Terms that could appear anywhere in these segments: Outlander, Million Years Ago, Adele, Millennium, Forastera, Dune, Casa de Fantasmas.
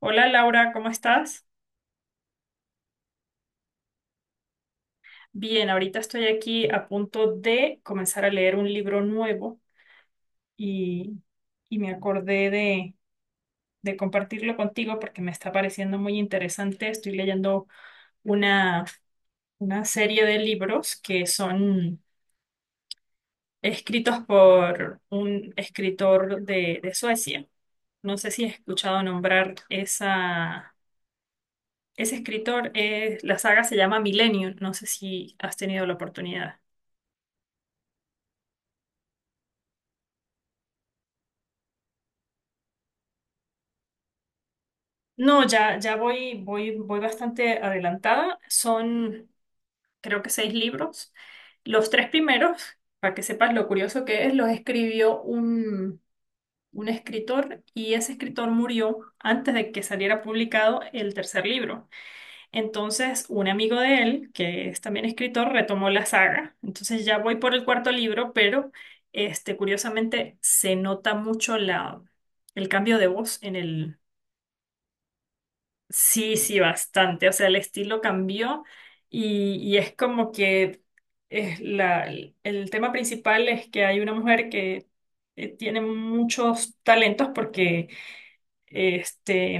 Hola, Laura, ¿cómo estás? Bien, ahorita estoy aquí a punto de comenzar a leer un libro nuevo y, y me acordé de compartirlo contigo porque me está pareciendo muy interesante. Estoy leyendo una, una serie de libros que son escritos por un escritor de Suecia. No sé si has escuchado nombrar ese escritor. La saga se llama Millennium. No sé si has tenido la oportunidad. No, ya voy, bastante adelantada. Son, creo que seis libros. Los tres primeros, para que sepas lo curioso que es, los escribió un escritor y ese escritor murió antes de que saliera publicado el tercer libro. Entonces, un amigo de él, que es también escritor, retomó la saga. Entonces, ya voy por el cuarto libro, pero curiosamente se nota mucho la, el cambio de voz en el. Sí, sí, bastante. O sea, el estilo cambió y es como que es el tema principal es que hay una mujer que tiene muchos talentos porque este,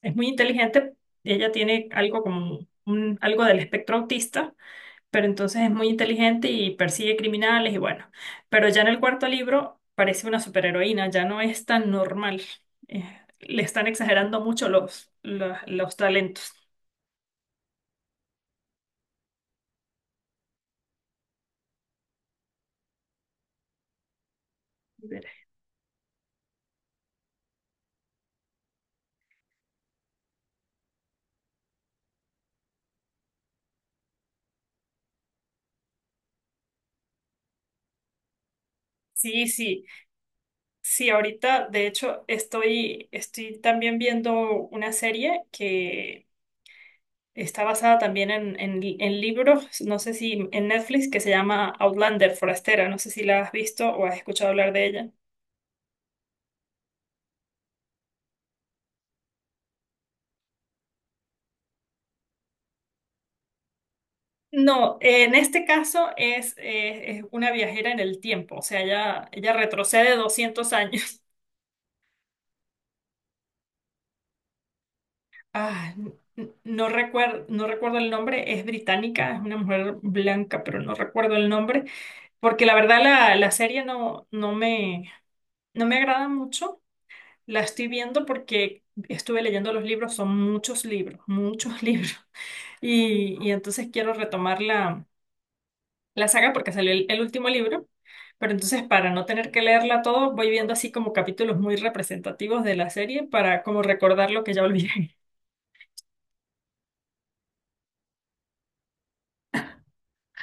es muy inteligente. Ella tiene algo como algo del espectro autista pero entonces es muy inteligente y persigue criminales y bueno. Pero ya en el cuarto libro parece una superheroína, ya no es tan normal. Eh, Le están exagerando mucho los talentos. Sí, sí, sí, ahorita de hecho estoy también viendo una serie que está basada también en libros, no sé si en Netflix, que se llama Outlander, Forastera, no sé si la has visto o has escuchado hablar de ella. No, en este caso es una viajera en el tiempo, o sea, ella retrocede 200 años. Ah, no recuerdo, no recuerdo el nombre, es británica, es una mujer blanca, pero no recuerdo el nombre, porque la verdad la serie no, no me agrada mucho. La estoy viendo porque estuve leyendo los libros, son muchos libros, muchos libros, y entonces quiero retomarla la saga porque salió el último libro, pero entonces para no tener que leerla todo, voy viendo así como capítulos muy representativos de la serie para como recordar lo que ya olvidé.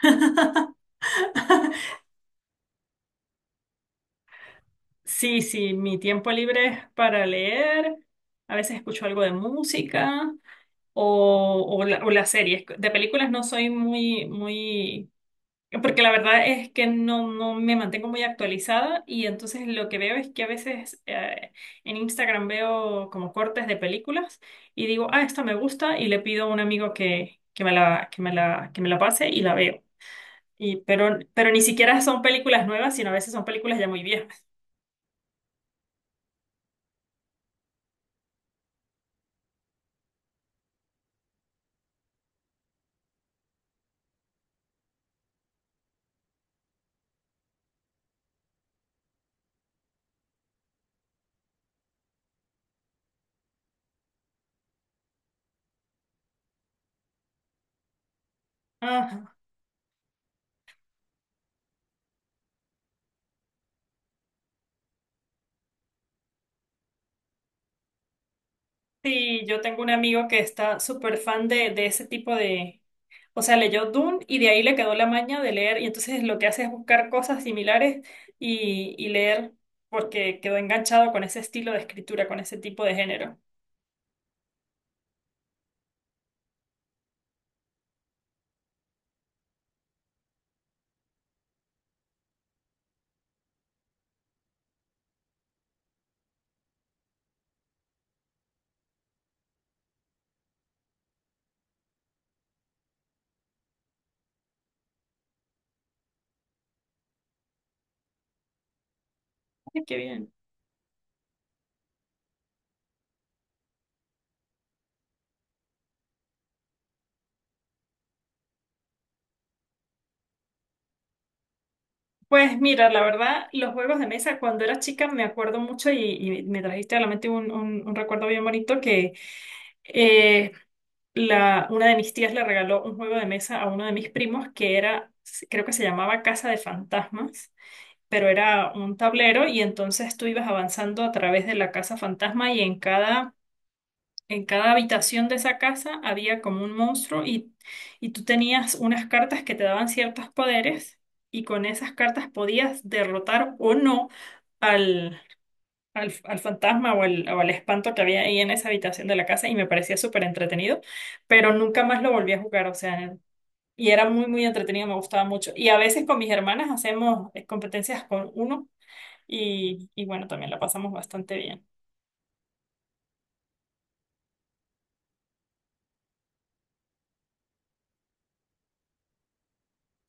Sí, sí, mi tiempo libre es para leer, a veces escucho algo de música o las series. De películas no soy muy, muy. Porque la verdad es que no me mantengo muy actualizada y entonces lo que veo es que a veces en Instagram veo como cortes de películas y digo, ah, esta me gusta y le pido a un amigo que me la pase y la veo. Y, pero ni siquiera son películas nuevas, sino a veces son películas ya muy viejas. Ah. Sí, yo tengo un amigo que está súper fan de ese tipo de. O sea, leyó Dune y de ahí le quedó la maña de leer y entonces lo que hace es buscar cosas similares y leer porque quedó enganchado con ese estilo de escritura, con ese tipo de género. Ay, qué bien. Pues mira, la verdad, los juegos de mesa cuando era chica me acuerdo mucho y me trajiste a la mente un, un recuerdo bien bonito que eh, una de mis tías le regaló un juego de mesa a uno de mis primos que era, creo que se llamaba Casa de Fantasmas, pero era un tablero y entonces tú ibas avanzando a través de la casa fantasma y en cada, habitación de esa casa había como un monstruo y tú tenías unas cartas que te daban ciertos poderes y con esas cartas podías derrotar o no al fantasma o al espanto que había ahí en esa habitación de la casa y me parecía súper entretenido, pero nunca más lo volví a jugar, o sea, y era muy, muy entretenido, me gustaba mucho. Y a veces con mis hermanas hacemos competencias con uno y bueno, también la pasamos bastante bien.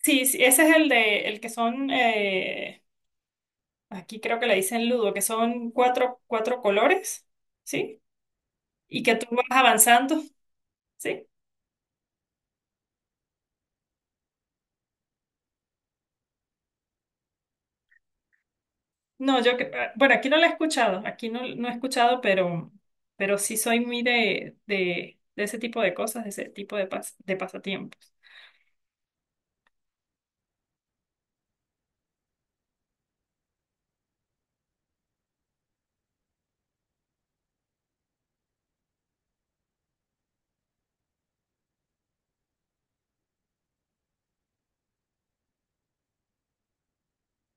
Sí, sí, ese es el que son, aquí creo que le dicen ludo, que son cuatro colores, ¿sí? Y que tú vas avanzando, ¿sí? No, ah, bueno, aquí no la he escuchado, aquí no he escuchado, pero sí soy muy de ese tipo de cosas, de ese tipo de pasatiempos.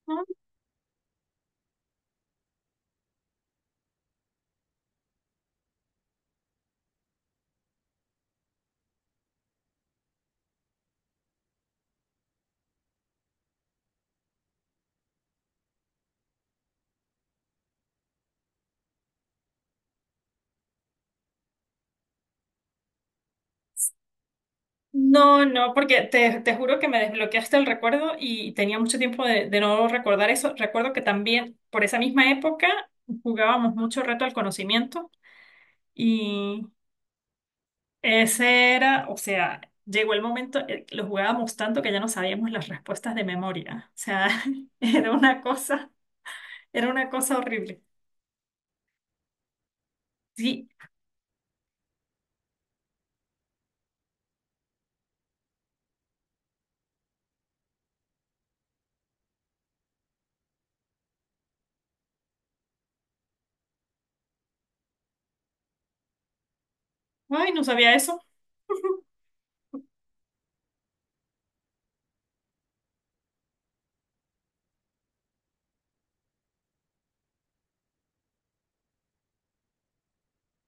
Ah. No, no, porque te juro que me desbloqueaste el recuerdo y tenía mucho tiempo de no recordar eso. Recuerdo que también por esa misma época jugábamos mucho reto al conocimiento y. Ese era, o sea, llegó el momento, lo jugábamos tanto que ya no sabíamos las respuestas de memoria. O sea, era una cosa, era una cosa horrible. Sí, ay, no sabía eso.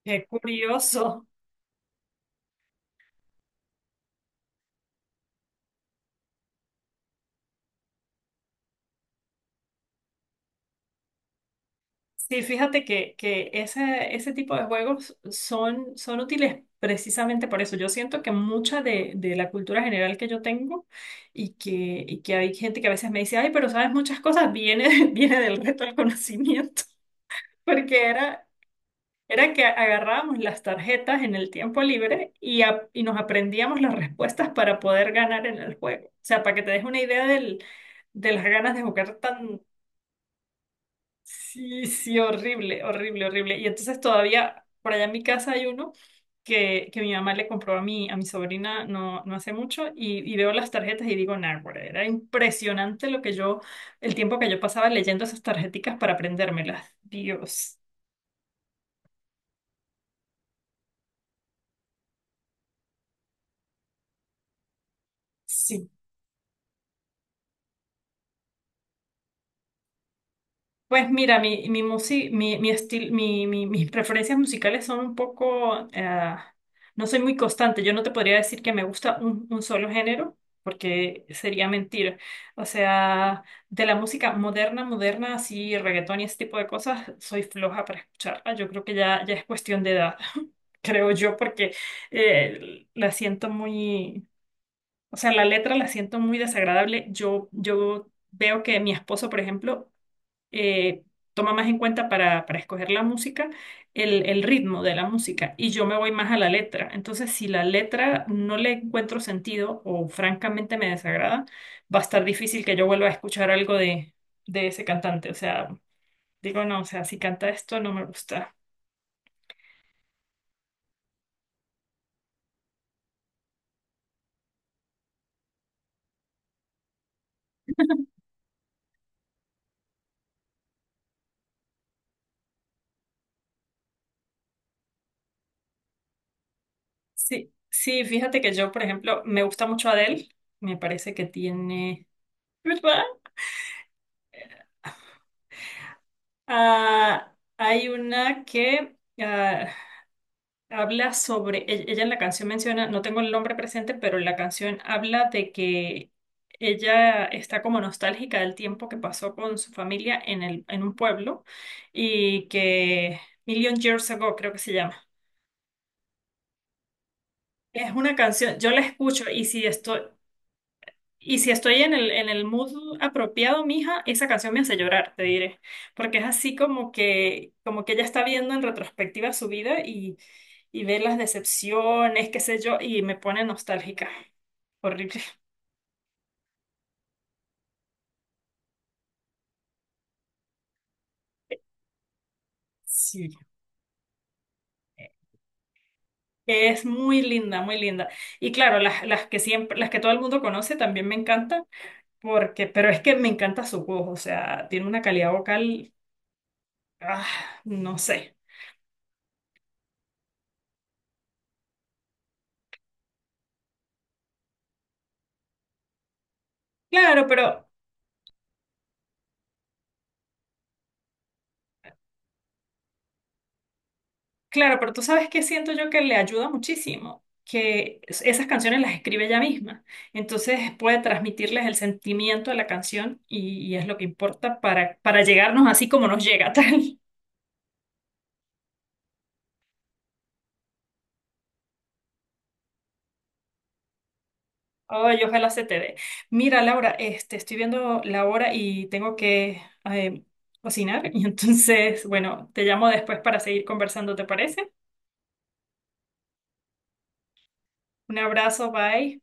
Qué curioso. Sí, fíjate que ese tipo de juegos son útiles precisamente por eso. Yo siento que mucha de la cultura general que yo tengo y que, y que hay gente que a veces me dice, ay, pero sabes muchas cosas, viene, viene del reto del conocimiento. Porque era que agarrábamos las tarjetas en el tiempo libre y nos aprendíamos las respuestas para poder ganar en el juego. O sea, para que te des una idea de las ganas de jugar tan. Sí, sí, horrible, horrible, horrible. Y entonces todavía, por allá en mi casa hay uno que mi mamá le compró a mi, sobrina no hace mucho y veo las tarjetas y digo, nah, güey, era impresionante el tiempo que yo pasaba leyendo esas tarjeticas para aprendérmelas. Dios. Sí. Pues mira, mi, musi- mi estil- mis preferencias musicales son un poco, no soy muy constante. Yo no te podría decir que me gusta un solo género, porque sería mentira. O sea, de la música moderna, moderna, así, reggaetón y ese tipo de cosas, soy floja para escucharla. Yo creo que ya es cuestión de edad, creo yo, porque la siento muy, o sea, la letra la siento muy desagradable. Yo veo que mi esposo, por ejemplo, eh, toma más en cuenta para escoger la música el ritmo de la música y yo me voy más a la letra. Entonces, si la letra no le encuentro sentido o francamente me desagrada, va a estar difícil que yo vuelva a escuchar algo de ese cantante. O sea, digo, no, o sea, si canta esto no me gusta. Sí, sí, fíjate que yo, por ejemplo, me gusta mucho Adele. Me parece que tiene. ¿Verdad? Ah, hay una que. Habla sobre ella en la canción menciona, no tengo el nombre presente, pero la canción habla de que ella está como nostálgica del tiempo que pasó con su familia en un pueblo y que Million Years Ago creo que se llama. Es una canción, yo la escucho y si estoy, en el mood apropiado, mija, esa canción me hace llorar, te diré. Porque es así como que ella está viendo en retrospectiva su vida y ve las decepciones, qué sé yo, y me pone nostálgica. Horrible. Sí. Es muy linda, muy linda. Y claro, las que siempre, las que todo el mundo conoce también me encantan, pero es que me encanta su voz, o sea, tiene una calidad vocal, ah, no sé. Claro, pero Claro, pero tú sabes que siento yo que le ayuda muchísimo, que esas canciones las escribe ella misma. Entonces puede transmitirles el sentimiento de la canción y es lo que importa para, llegarnos así como nos llega tal. Ay, ojalá se te dé. Mira, Laura, estoy viendo la hora y tengo que eh, cocinar. Y entonces, bueno, te llamo después para seguir conversando, ¿te parece? Un abrazo, bye.